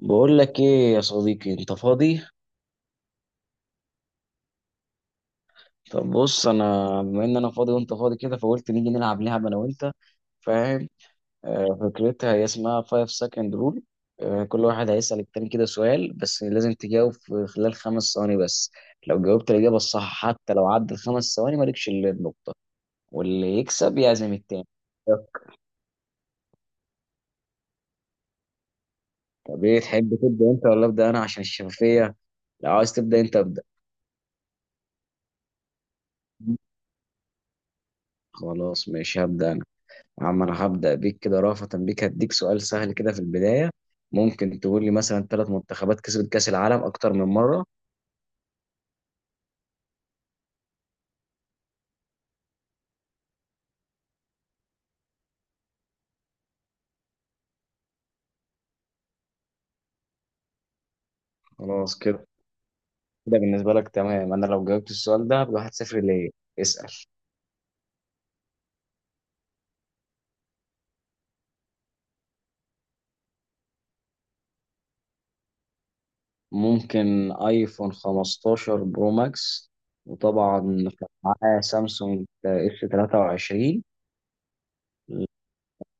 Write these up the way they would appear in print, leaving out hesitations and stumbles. بقول لك ايه يا صديقي؟ انت فاضي؟ طب بص انا، بما ان انا فاضي وانت فاضي كده فقلت نيجي نلعب لعبه انا وانت. فاهم؟ فكرتها هي اسمها 5 second rule. كل واحد هيسأل التاني كده سؤال، بس لازم تجاوب في خلال 5 ثواني بس. لو جاوبت الإجابة الصح حتى لو عدى ال5 ثواني مالكش إلا النقطة، واللي يكسب يعزم التاني. طب ايه تحب تبدأ انت ولا أبدأ انا عشان الشفافية؟ لو عايز تبدأ انت، ابدأ. خلاص ماشي، هبدأ. عم، انا هبدأ بيك كده، رافة بيك هديك سؤال سهل كده في البداية. ممكن تقول لي مثلا 3 منتخبات كسبت كأس العالم أكتر من مرة؟ خلاص كده، كده بالنسبة لك تمام. أنا لو جاوبت السؤال ده هبقى 1-0 ليه. اسأل. ممكن ايفون 15 برو ماكس، وطبعا كان معاه سامسونج اس 23.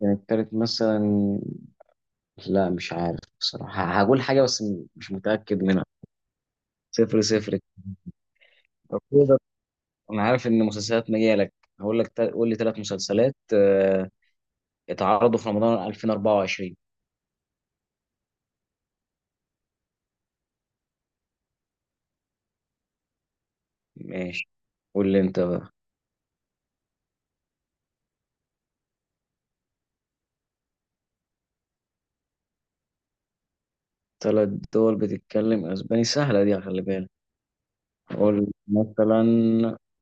كان التالت مثلا، لا مش عارف بصراحة. هقول حاجة بس مش متأكد منها. صفر صفر كده. انا عارف ان مسلسلات مجالك، قول لي 3 مسلسلات اتعرضوا في رمضان 2024. ماشي، قول لي انت بقى. ثلاث دول بتتكلم اسباني، سهله دي، خلي بالك. قول مثلا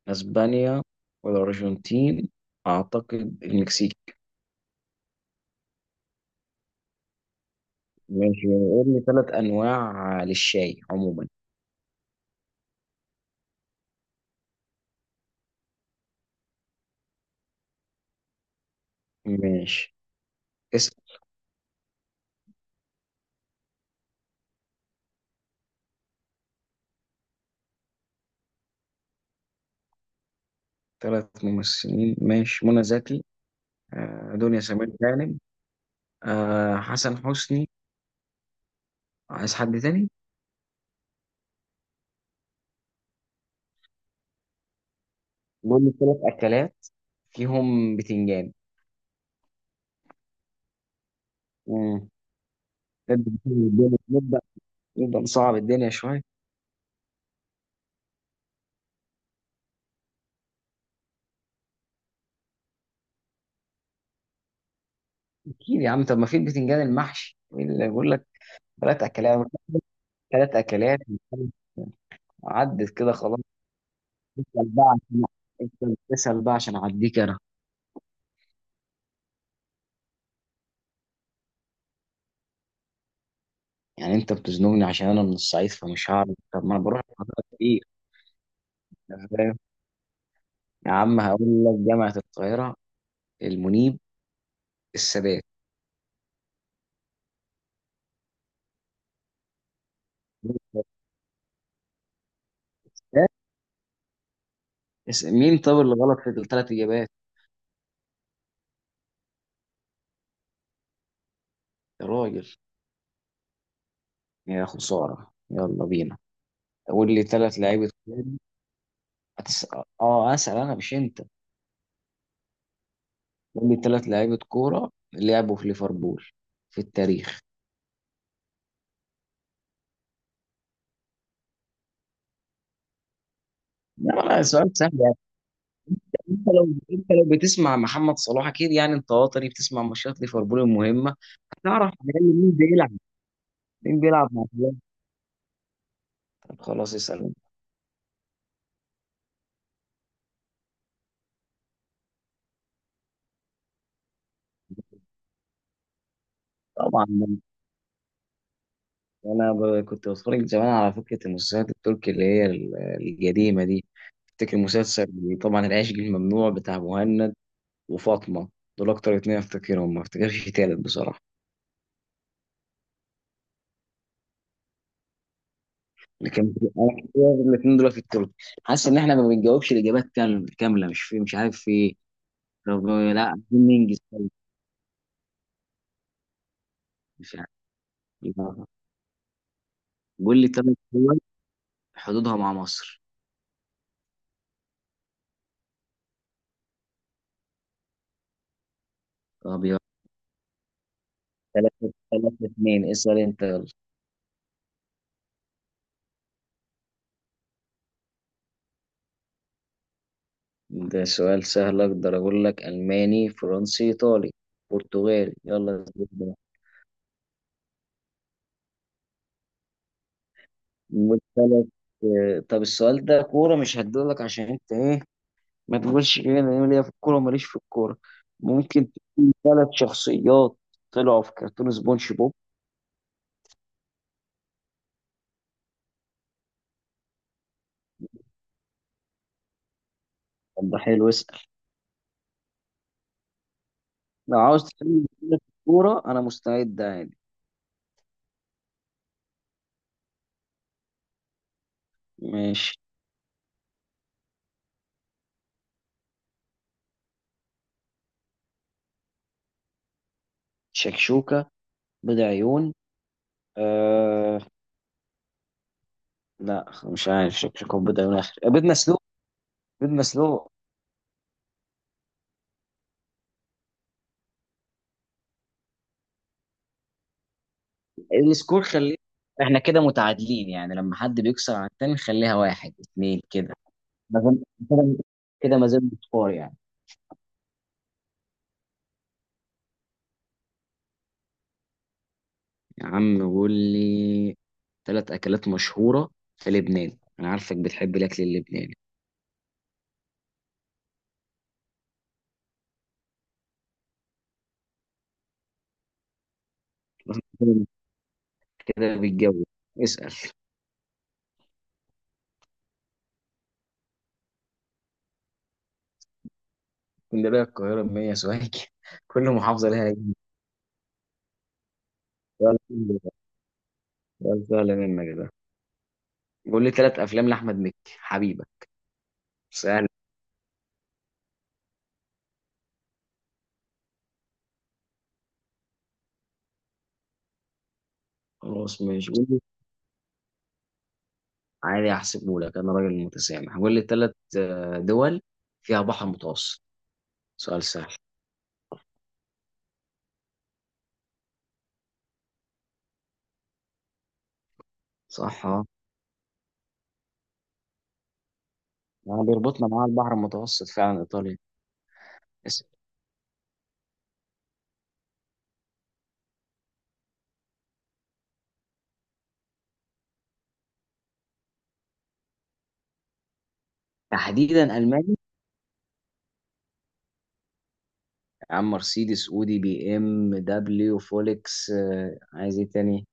اسبانيا، والارجنتين، اعتقد المكسيك. ماشي، قول لي 3 انواع للشاي عموما. ماشي. اسم 3 ممثلين؟ ماشي، منى زكي، دنيا سمير غانم، حسن حسني. عايز حد تاني؟ المهم، 3 اكلات فيهم بتنجان. امم الدنيا نبدا، نبدا نصعب الدنيا شويه. اكيد يا عم، طب ما في البتنجان المحشي، إيه اللي يقول لك 3 اكلات؟ 3 اكلات. عدت كده خلاص. اسال بقى عشان انت بتسال بقى عشان اعديك انا. يعني انت بتزنقني عشان انا من الصعيد فمش هعرف. طب ما انا بروح محاضرات كتير، أنت فاهم؟ يا عم هقول لك جامعه القاهره، المنيب، السادات. مين طب اللي غلط في ال3 اجابات؟ يا راجل، يا خسارة، يلا بينا. قول لي 3 لعيبة كورة. هتس... اه اسأل انا مش انت. قول لي ثلاث لعيبة كورة لعبوا في ليفربول في التاريخ. لا لا سؤال سهل يعني. انت لو بتسمع محمد صلاح اكيد، يعني انت وطني بتسمع ماتشات ليفربول المهمة، هتعرف على الاقل مين بيلعب، مين بيلعب مع فلان. طب خلاص اسأل. طبعا انا كنت بتفرج زمان على فكرة المسلسلات التركي اللي هي القديمة دي. افتكر مسلسل، طبعا العشق الممنوع بتاع مهند، وفاطمه. دول اكتر 2 افتكرهم، ما افتكرش تالت بصراحه. لكن انا كده، ال2 دول في التوب. حاسس ان احنا ما بنجاوبش الاجابات كامله كامله، مش في، مش عارف في ايه. طب لا عايزين ننجز طيب، مش عارف. قول لي 3 دول حدودها مع مصر. طب يلا، 3-3-2، اسأل انت يلا. ده سؤال سهل، اقدر اقول لك الماني، فرنسي، ايطالي، برتغالي يلا. ال3. طب السؤال ده كورة مش هديهولك عشان انت ايه، ما تقولش كده إن انا ليا في الكوره وماليش في الكوره. ممكن تكون 3 شخصيات طلعوا في كرتون سبونج بوب. طب ده حلو، اسال. لو عاوز تتكلم في الكوره انا مستعد عادي. ماشي. شكشوكه، بيض عيون، آه لا مش عارف. شكشوكه وبيض عيون، اخر بيض مسلوق. بيض مسلوق. السكور خليه، احنا كده متعادلين يعني، لما حد بيكسر على التاني نخليها 1-2 كده. ما زال- كده. كده ما زال سكور يعني. يا عم قول لي 3 أكلات مشهورة في لبنان، أنا عارفك بتحب الأكل اللبناني. كده بالجو. اسأل. اسكندرية، القاهرة، بمية سوهاج كل محافظة لها نجم. سؤال سهل، سؤال سهل منك ده. قول لي 3 أفلام لأحمد مكي حبيبة. سهل. خلاص ماشي قول لي، عادي أحسبه لك، أنا راجل متسامح. قول لي ثلاث دول فيها بحر متوسط، سؤال سهل. صح اه، يعني بيربطنا معاه البحر المتوسط فعلا إيطاليا. اسأل. تحديدا ألمانيا؟ يا عم مرسيدس، اودي، بي ام دبليو، فولكس، عايز ايه تاني؟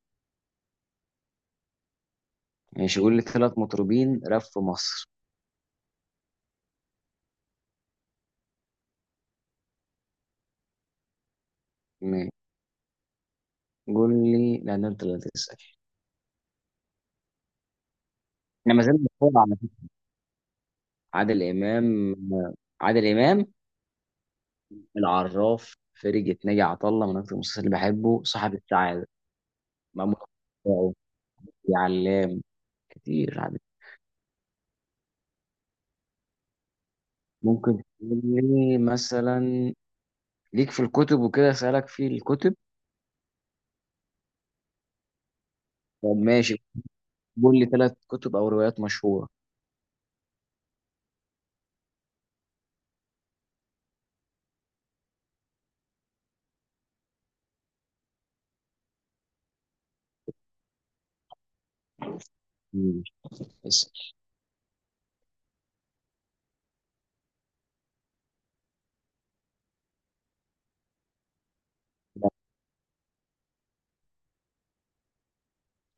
ماشي، قول لي 3 مطربين راب في مصر. م- قول لي، لا ده انت اللي هتسأل. احنا ما زلنا بنتفرج على فكرة. عادل امام عادل امام، العراف، فرقة ناجي عطا الله، من اكتر المسلسلات اللي بحبه صاحب السعادة، مأمون، خلال، يا علام، كتير عادل. ممكن تقول لي مثلا، ليك في الكتب وكده اسألك في الكتب. طب ماشي، قول لي 3 كتب او روايات مشهورة. مم. بس؟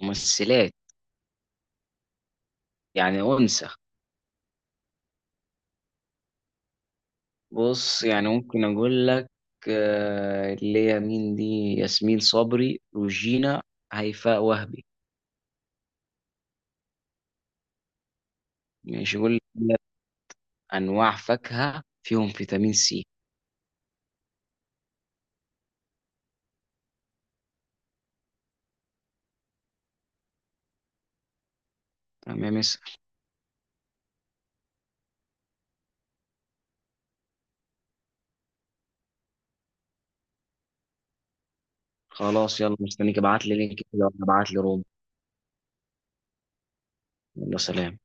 ممثلات، يعني أنثى؟ بص يعني ممكن أقول لك، اللي هي مين دي، ياسمين صبري، روجينا، هيفاء وهبي. ماشي أقول لك أنواع فاكهة فيهم فيتامين سي. تمام يا مس. خلاص يلا مستنيك، ابعت لي لينك كده وأنا ابعت لي روم. يلا، سلام.